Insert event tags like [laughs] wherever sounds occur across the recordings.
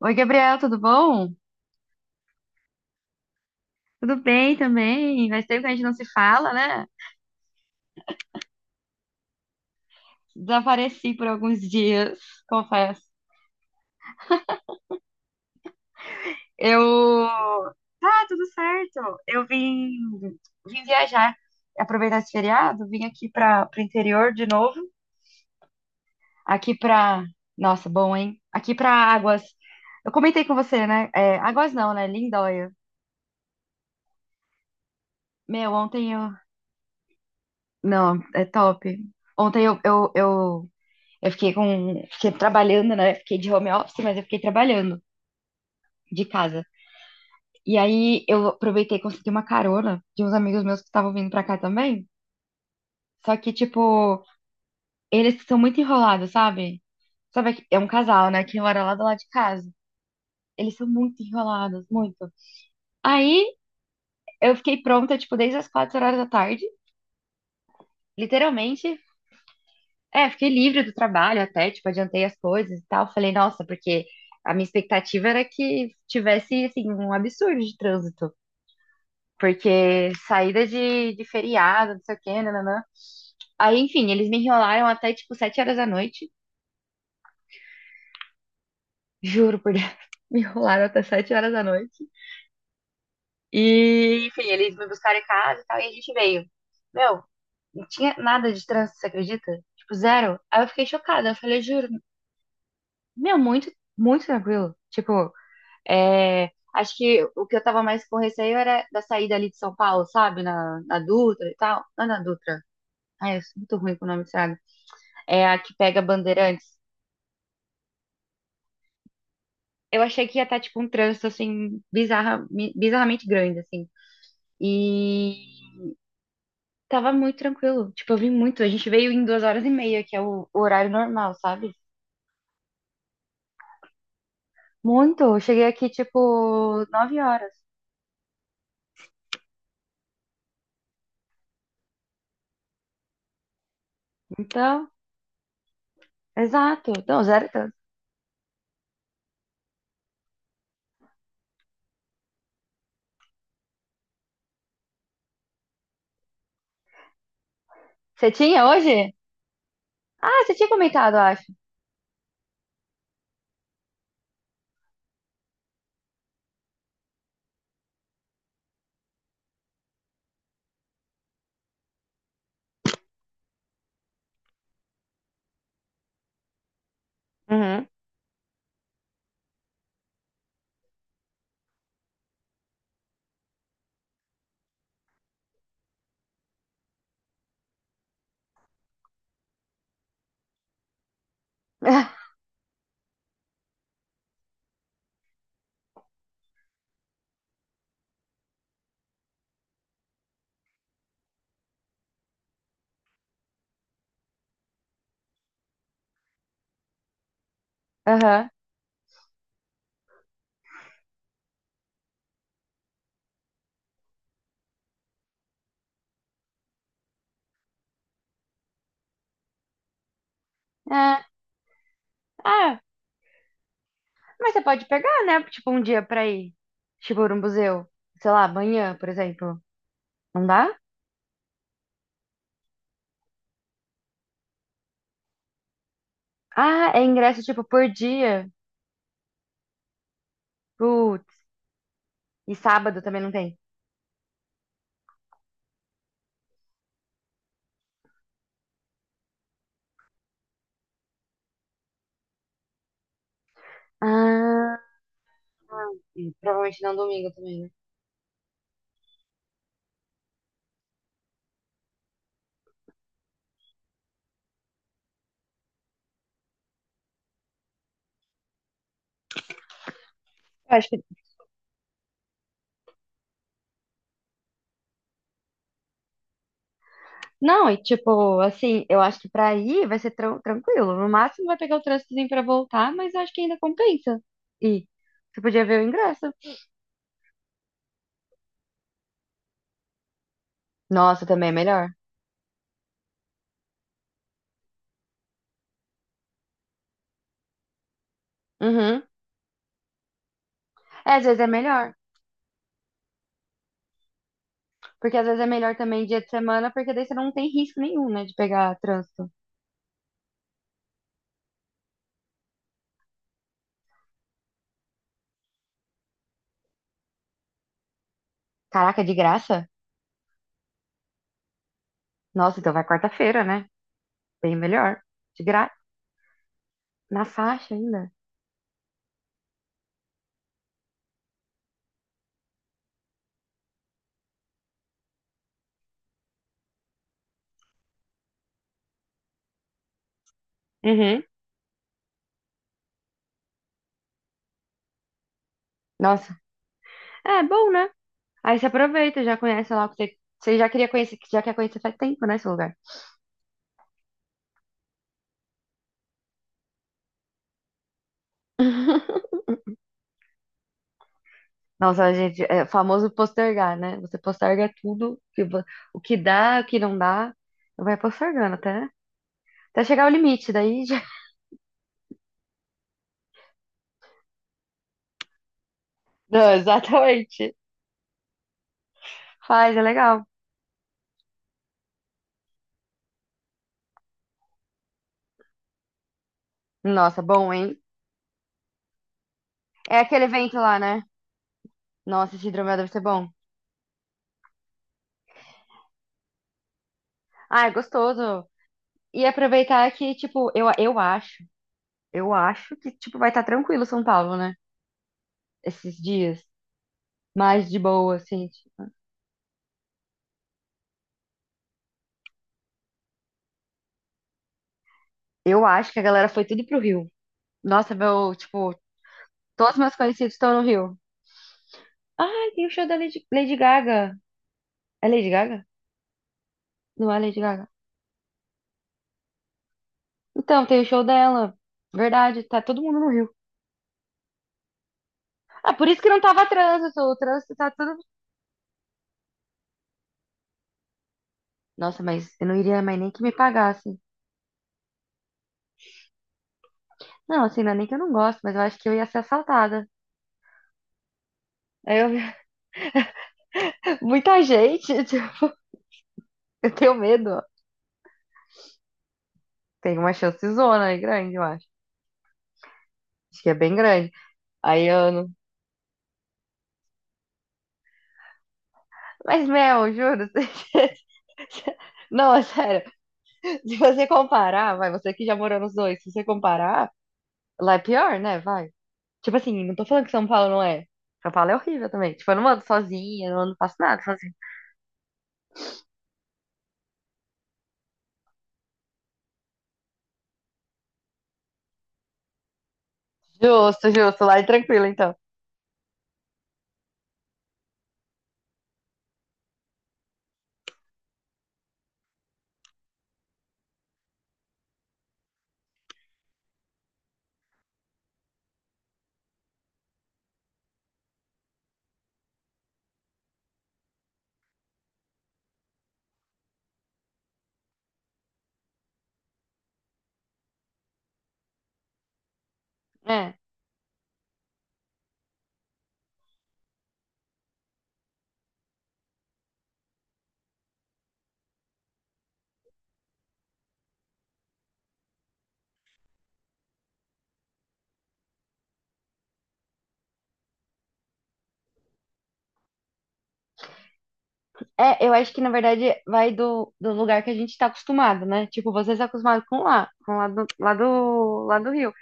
Oi, Gabriel, tudo bom? Tudo bem também. Faz tempo que a gente não se fala, né? Desapareci por alguns dias, confesso. Eu. Tá, tudo certo. Eu vim, vim viajar, aproveitar esse feriado, vim aqui para o interior de novo. Aqui para. Nossa, bom, hein? Aqui para Águas. Eu comentei com você, né? É, Águas não, né? Lindóia. Meu, ontem eu. Não, é top. Ontem eu fiquei trabalhando, né? Fiquei de home office, mas eu fiquei trabalhando de casa. E aí eu aproveitei e consegui uma carona de uns amigos meus que estavam vindo pra cá também. Só que, tipo, eles são muito enrolados, sabe? Sabe, é um casal, né? Que mora lá do lado de casa. Eles são muito enrolados, muito. Aí eu fiquei pronta, tipo, desde as 4 horas da tarde, literalmente. É, fiquei livre do trabalho até, tipo, adiantei as coisas e tal. Falei, nossa, porque a minha expectativa era que tivesse, assim, um absurdo de trânsito. Porque saída de feriado, não sei o quê, nananã. Aí, enfim, eles me enrolaram até tipo 7 horas da noite. Juro por Deus. [laughs] Me enrolaram até 7 horas da noite. E, enfim, eles me buscaram em casa e tal, e a gente veio. Meu, não tinha nada de trânsito, você acredita? Tipo, zero. Aí eu fiquei chocada. Eu falei, juro, meu, muito tranquilo. Tipo, é, acho que o que eu tava mais com receio era da saída ali de São Paulo, sabe? Na Dutra e tal. Não, é na Dutra. Ai, eu sou muito ruim com o nome dessa, é a que pega Bandeirantes. Eu achei que ia estar, tipo, um trânsito, assim, bizarra, bizarramente grande, assim. E tava muito tranquilo. Tipo, eu vim muito. A gente veio em 2 horas e meia, que é o horário normal, sabe? Muito. Eu cheguei aqui, tipo, 9 horas. Então, exato. Então zero trânsito. Você tinha hoje? Ah, você tinha comentado, eu acho. Uhum. [laughs] Aham. É. Ah, mas você pode pegar, né? Tipo, um dia pra ir. Tipo, no museu. Sei lá, amanhã, por exemplo. Não dá? Ah, é ingresso tipo por dia. Putz. E sábado também não tem. Ah, e provavelmente não domingo também, né? Eu acho que. Não, e tipo, assim, eu acho que pra ir vai ser tranquilo. No máximo vai pegar o trânsitozinho pra voltar, mas eu acho que ainda compensa. E você podia ver o ingresso. Nossa, também é melhor. Uhum. É, às vezes é melhor. Porque às vezes é melhor também dia de semana, porque daí você não tem risco nenhum, né, de pegar trânsito. Caraca, de graça? Nossa, então vai quarta-feira, né? Bem melhor. De graça. Na faixa ainda? Uhum. Nossa. É bom, né? Aí você aproveita, já conhece lá o que você já queria conhecer, já quer conhecer faz tempo, né, esse lugar. Nossa, gente, é o famoso postergar, né? Você posterga tudo, que o que dá, o que não dá, vai postergando até, até chegar ao limite, daí já... [laughs] Não, exatamente. Faz, é legal. Nossa, bom, hein? É aquele evento lá, né? Nossa, esse hidromel deve ser bom. Ah, é gostoso. E aproveitar que, tipo, eu acho que, tipo, vai estar tranquilo São Paulo, né? Esses dias, mais de boa, assim, tipo, eu acho que a galera foi tudo pro Rio. Nossa, meu, tipo, todos meus conhecidos estão no Rio. Ai, tem o show da Lady Gaga. É Lady Gaga? Não é Lady Gaga. Então, tem o show dela. Verdade, tá todo mundo no Rio. Ah, por isso que não tava trânsito. O trânsito tá tudo. Nossa, mas eu não iria mais nem que me pagassem. Não, assim, não é nem que eu não gosto, mas eu acho que eu ia ser assaltada. Aí eu... [laughs] Muita gente, [laughs] tipo, eu tenho medo. Tem uma chance zona aí grande, eu acho. Acho que é bem grande. Aí eu não- Mas, Mel, juro. [laughs] Não, é sério. Se você comparar, vai, você que já morou nos dois, se você comparar, lá é pior, né? Vai. Tipo assim, não tô falando que São Paulo não é. São Paulo é horrível também. Tipo, eu não ando sozinha, não ando, faço nada sozinha. Justo, justo. Lá é tranquilo, então. É. É, eu acho que na verdade vai do, do lugar que a gente tá acostumado, né? Tipo, vocês estão acostumados com lá, lá do Rio.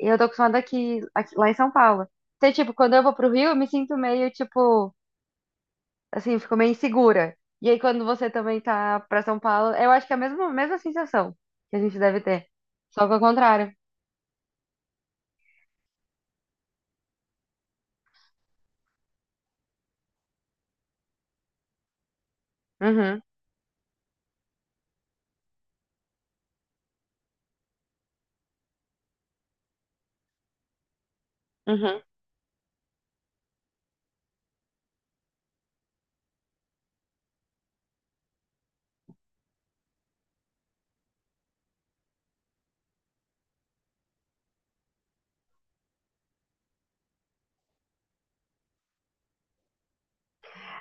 E eu tô acostumada aqui, lá em São Paulo. Então, tipo, quando eu vou pro Rio, eu me sinto meio, tipo, assim, ficou meio insegura. E aí, quando você também tá pra São Paulo, eu acho que é a mesma sensação que a gente deve ter. Só que ao contrário. Uhum, uhum.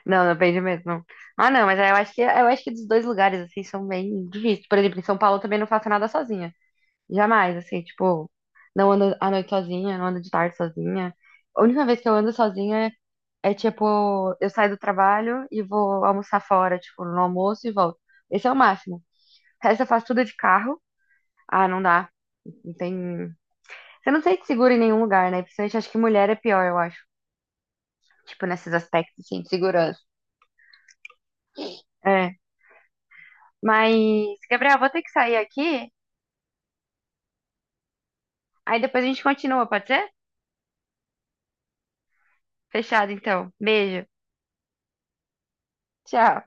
Não, depende mesmo. Não. Ah, não, mas eu acho que dos dois lugares, assim, são bem difíceis. Por exemplo, em São Paulo eu também não faço nada sozinha. Jamais, assim, tipo, não ando à noite sozinha, não ando de tarde sozinha. A única vez que eu ando sozinha é, é, tipo, eu saio do trabalho e vou almoçar fora, tipo, no almoço e volto. Esse é o máximo. O resto eu faço tudo de carro. Ah, não dá. Não tem. Você não sente seguro em nenhum lugar, né? Principalmente acho que mulher é pior, eu acho. Tipo, nesses aspectos, assim, de segurança. É. Mas, Gabriel, vou ter que sair aqui. Aí depois a gente continua, pode ser? Fechado, então. Beijo. Tchau.